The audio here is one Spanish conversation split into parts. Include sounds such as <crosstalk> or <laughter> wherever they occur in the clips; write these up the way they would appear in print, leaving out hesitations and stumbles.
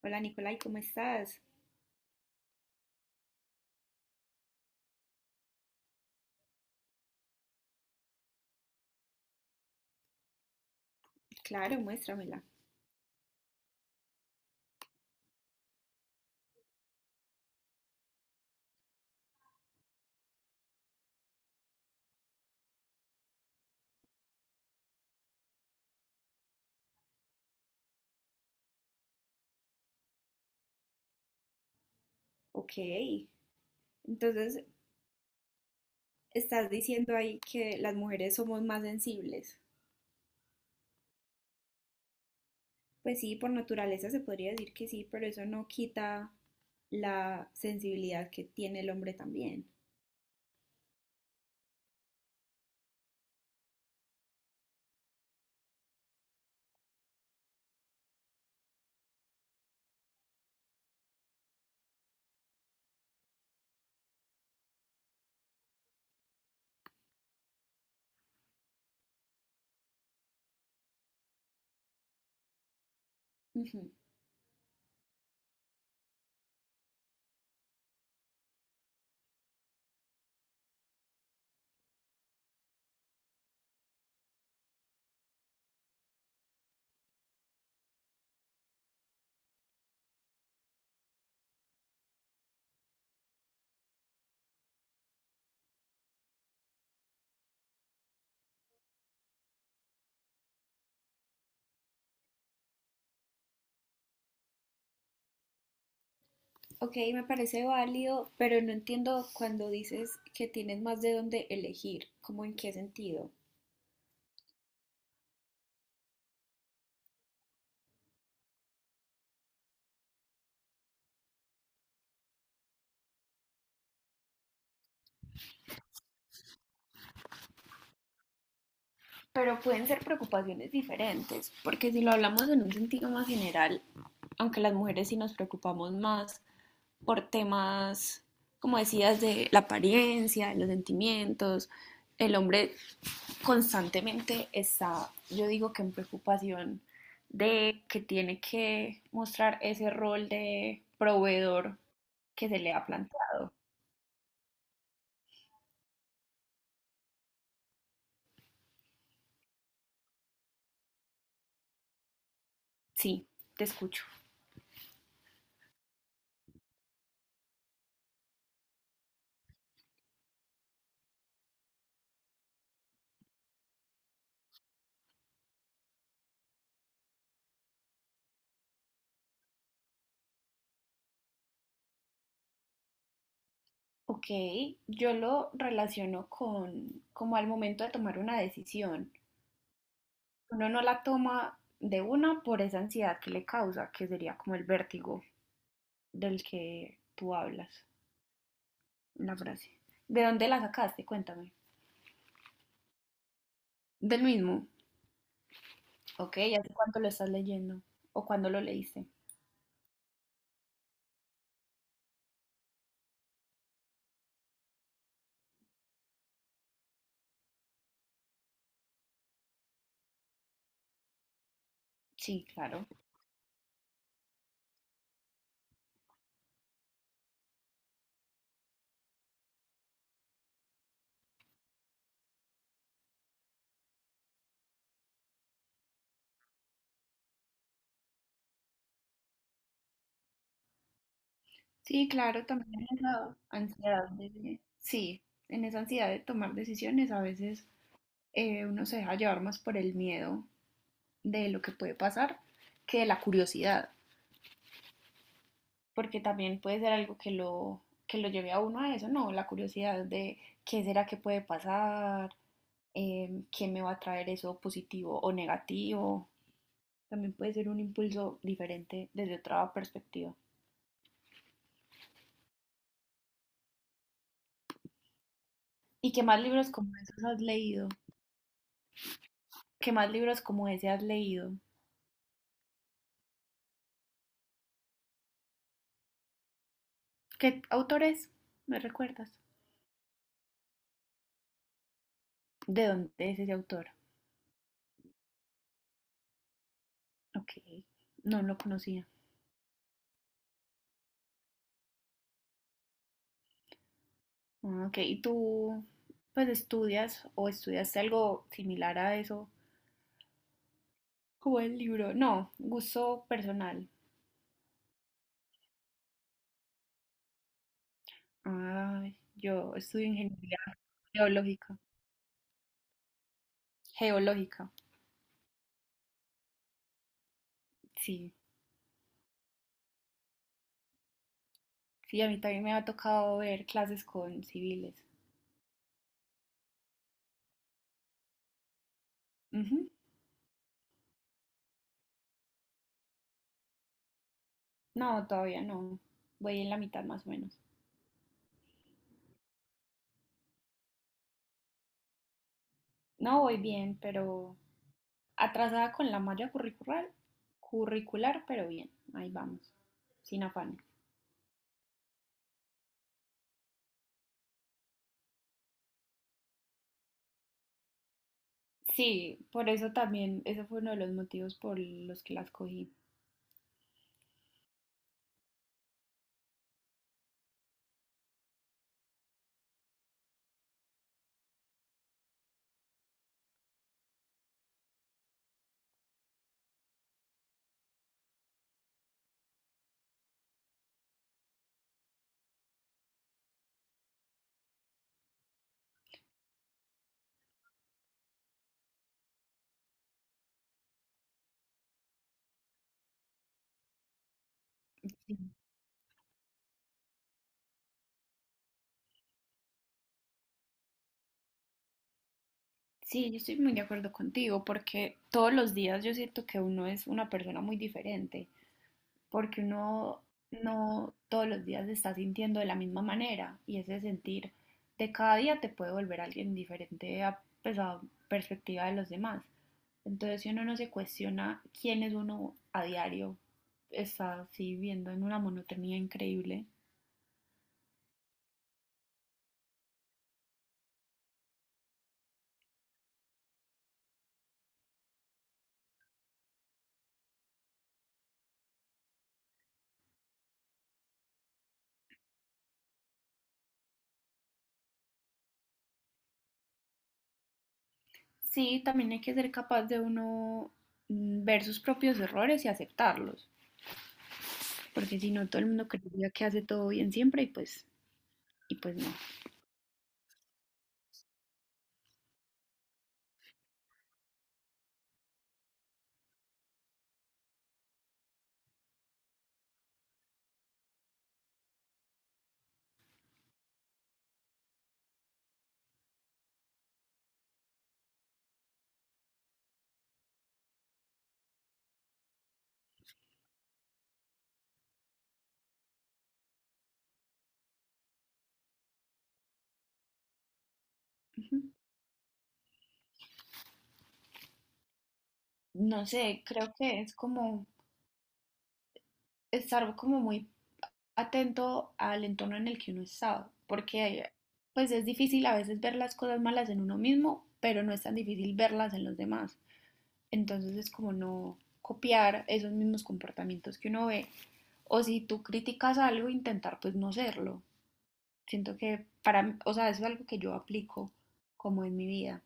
Hola Nicolai, ¿cómo estás? Claro, muéstramela. Ok. Entonces, estás diciendo ahí que las mujeres somos más sensibles. Pues sí, por naturaleza se podría decir que sí, pero eso no quita la sensibilidad que tiene el hombre también. Ujú. Ok, me parece válido, pero no entiendo cuando dices que tienes más de dónde elegir, ¿cómo en qué sentido? Pero pueden ser preocupaciones diferentes, porque si lo hablamos en un sentido más general, aunque las mujeres sí nos preocupamos más por temas, como decías, de la apariencia, de los sentimientos. El hombre constantemente está, yo digo que en preocupación de que tiene que mostrar ese rol de proveedor que se le ha planteado. Sí, te escucho. Ok, yo lo relaciono con como al momento de tomar una decisión. Uno no la toma de una por esa ansiedad que le causa, que sería como el vértigo del que tú hablas. La frase, ¿de dónde la sacaste? Cuéntame. Del mismo. Ok, ¿y hace cuánto lo estás leyendo? ¿O cuándo lo leíste? Sí, claro. Sí, claro, también en esa ansiedad de, sí, en esa ansiedad de tomar decisiones, a veces uno se deja llevar más por el miedo de lo que puede pasar que de la curiosidad. Porque también puede ser algo que lo lleve a uno a eso, ¿no? La curiosidad de qué será que puede pasar. Qué me va a traer eso, positivo o negativo. También puede ser un impulso diferente desde otra perspectiva. ¿Y qué más libros como esos has leído? ¿Qué más libros como ese has leído? ¿Qué autor es? ¿Me recuerdas? ¿De dónde es ese autor? Ok, no lo conocía. Ah, ok, ¿y tú pues estudias o estudiaste algo similar a eso? Como el libro. No, gusto personal. Ay, yo estudio ingeniería geológica. Geológica, sí. Sí, a mí también me ha tocado ver clases con civiles. Ujú. No, todavía no. Voy en la mitad más o menos. No voy bien, pero atrasada con la malla curricular, pero bien, ahí vamos, sin afán. Sí, por eso también, ese fue uno de los motivos por los que las cogí. Sí. Sí, yo estoy muy de acuerdo contigo, porque todos los días yo siento que uno es una persona muy diferente. Porque uno no todos los días se está sintiendo de la misma manera, y ese sentir de cada día te puede volver alguien diferente a, pues, a perspectiva de los demás. Entonces, si uno no se cuestiona quién es uno a diario, está así viviendo en una monotonía increíble. Sí, también hay que ser capaz de uno ver sus propios errores y aceptarlos, porque si no todo el mundo creería que hace todo bien siempre, y pues, y pues no. Ujú. No sé, creo que es como estar como muy atento al entorno en el que uno está, porque pues es difícil a veces ver las cosas malas en uno mismo, pero no es tan difícil verlas en los demás. Entonces es como no copiar esos mismos comportamientos que uno ve, o si tú criticas algo, intentar pues no serlo. Siento que para, o sea, eso es algo que yo aplico como en mi vida.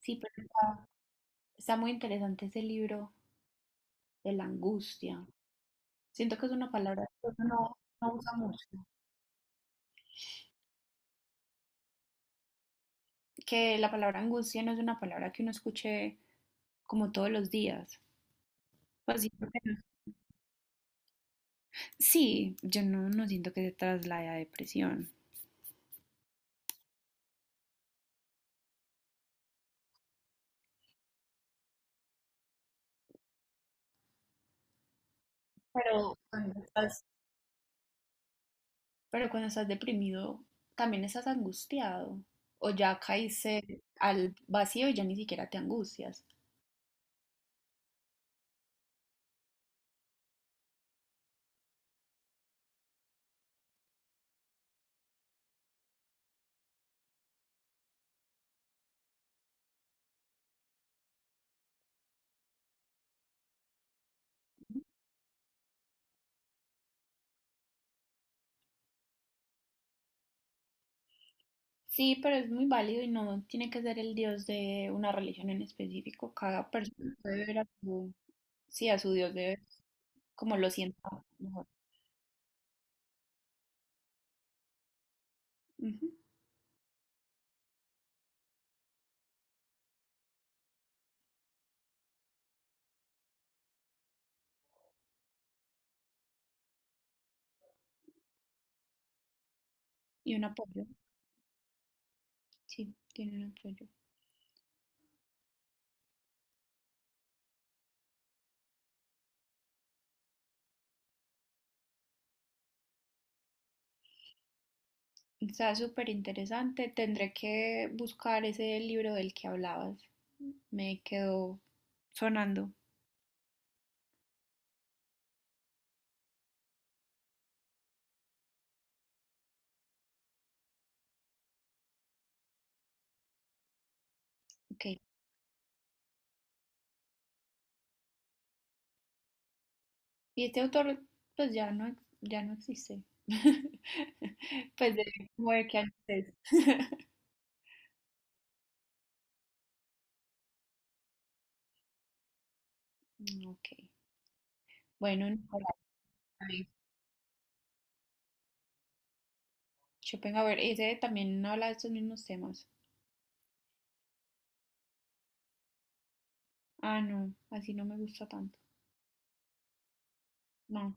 Sí, pero está muy interesante ese libro de la angustia. Siento que es una palabra que uno no, no usa mucho. Que la palabra angustia no es una palabra que uno escuche como todos los días. Pues sí, porque no- sí, yo no, no siento que se traslade a depresión. Pero cuando estás, pero cuando estás deprimido, también estás angustiado. O ya caíste al vacío y ya ni siquiera te angustias. Sí, pero es muy válido y no tiene que ser el dios de una religión en específico. Cada persona puede ver a su, sí, a su dios de como lo sienta mejor. Ujú. Y un apoyo, sí, tiene un apoyo. Está súper interesante. Tendré que buscar ese libro del que hablabas. Me quedó sonando. Ok. Y este autor, pues ya no, ya no existe. <laughs> Pues de como de qué año es. <laughs> Ok. Bueno, Nicolás, ahí. Schopenhauer, ese también, ¿no habla de estos mismos temas? Ah, no, así no me gusta tanto. No,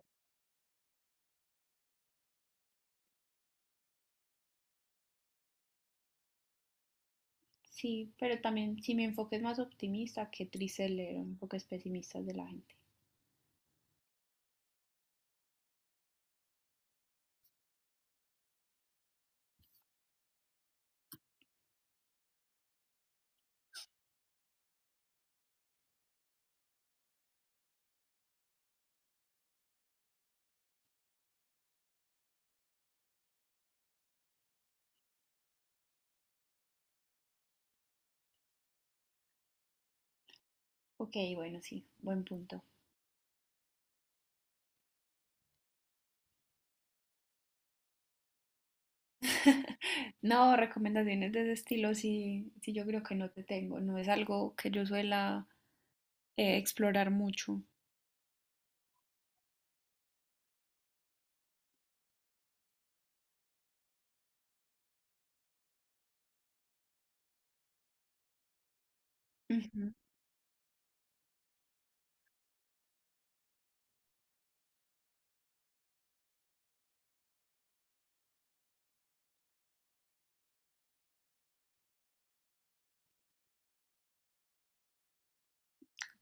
sí, pero también si mi enfoque es más optimista, qué triste leer enfoques pesimistas de la gente. Ok, bueno, sí, buen punto. No, recomendaciones de ese estilo sí, sí, yo creo que no te tengo. No es algo que yo suela explorar mucho. Ujú,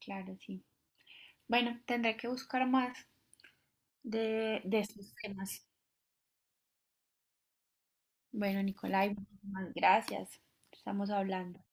claro, sí. Bueno, tendré que buscar más de estos temas. Bueno, Nicolai, muchísimas gracias. Estamos hablando.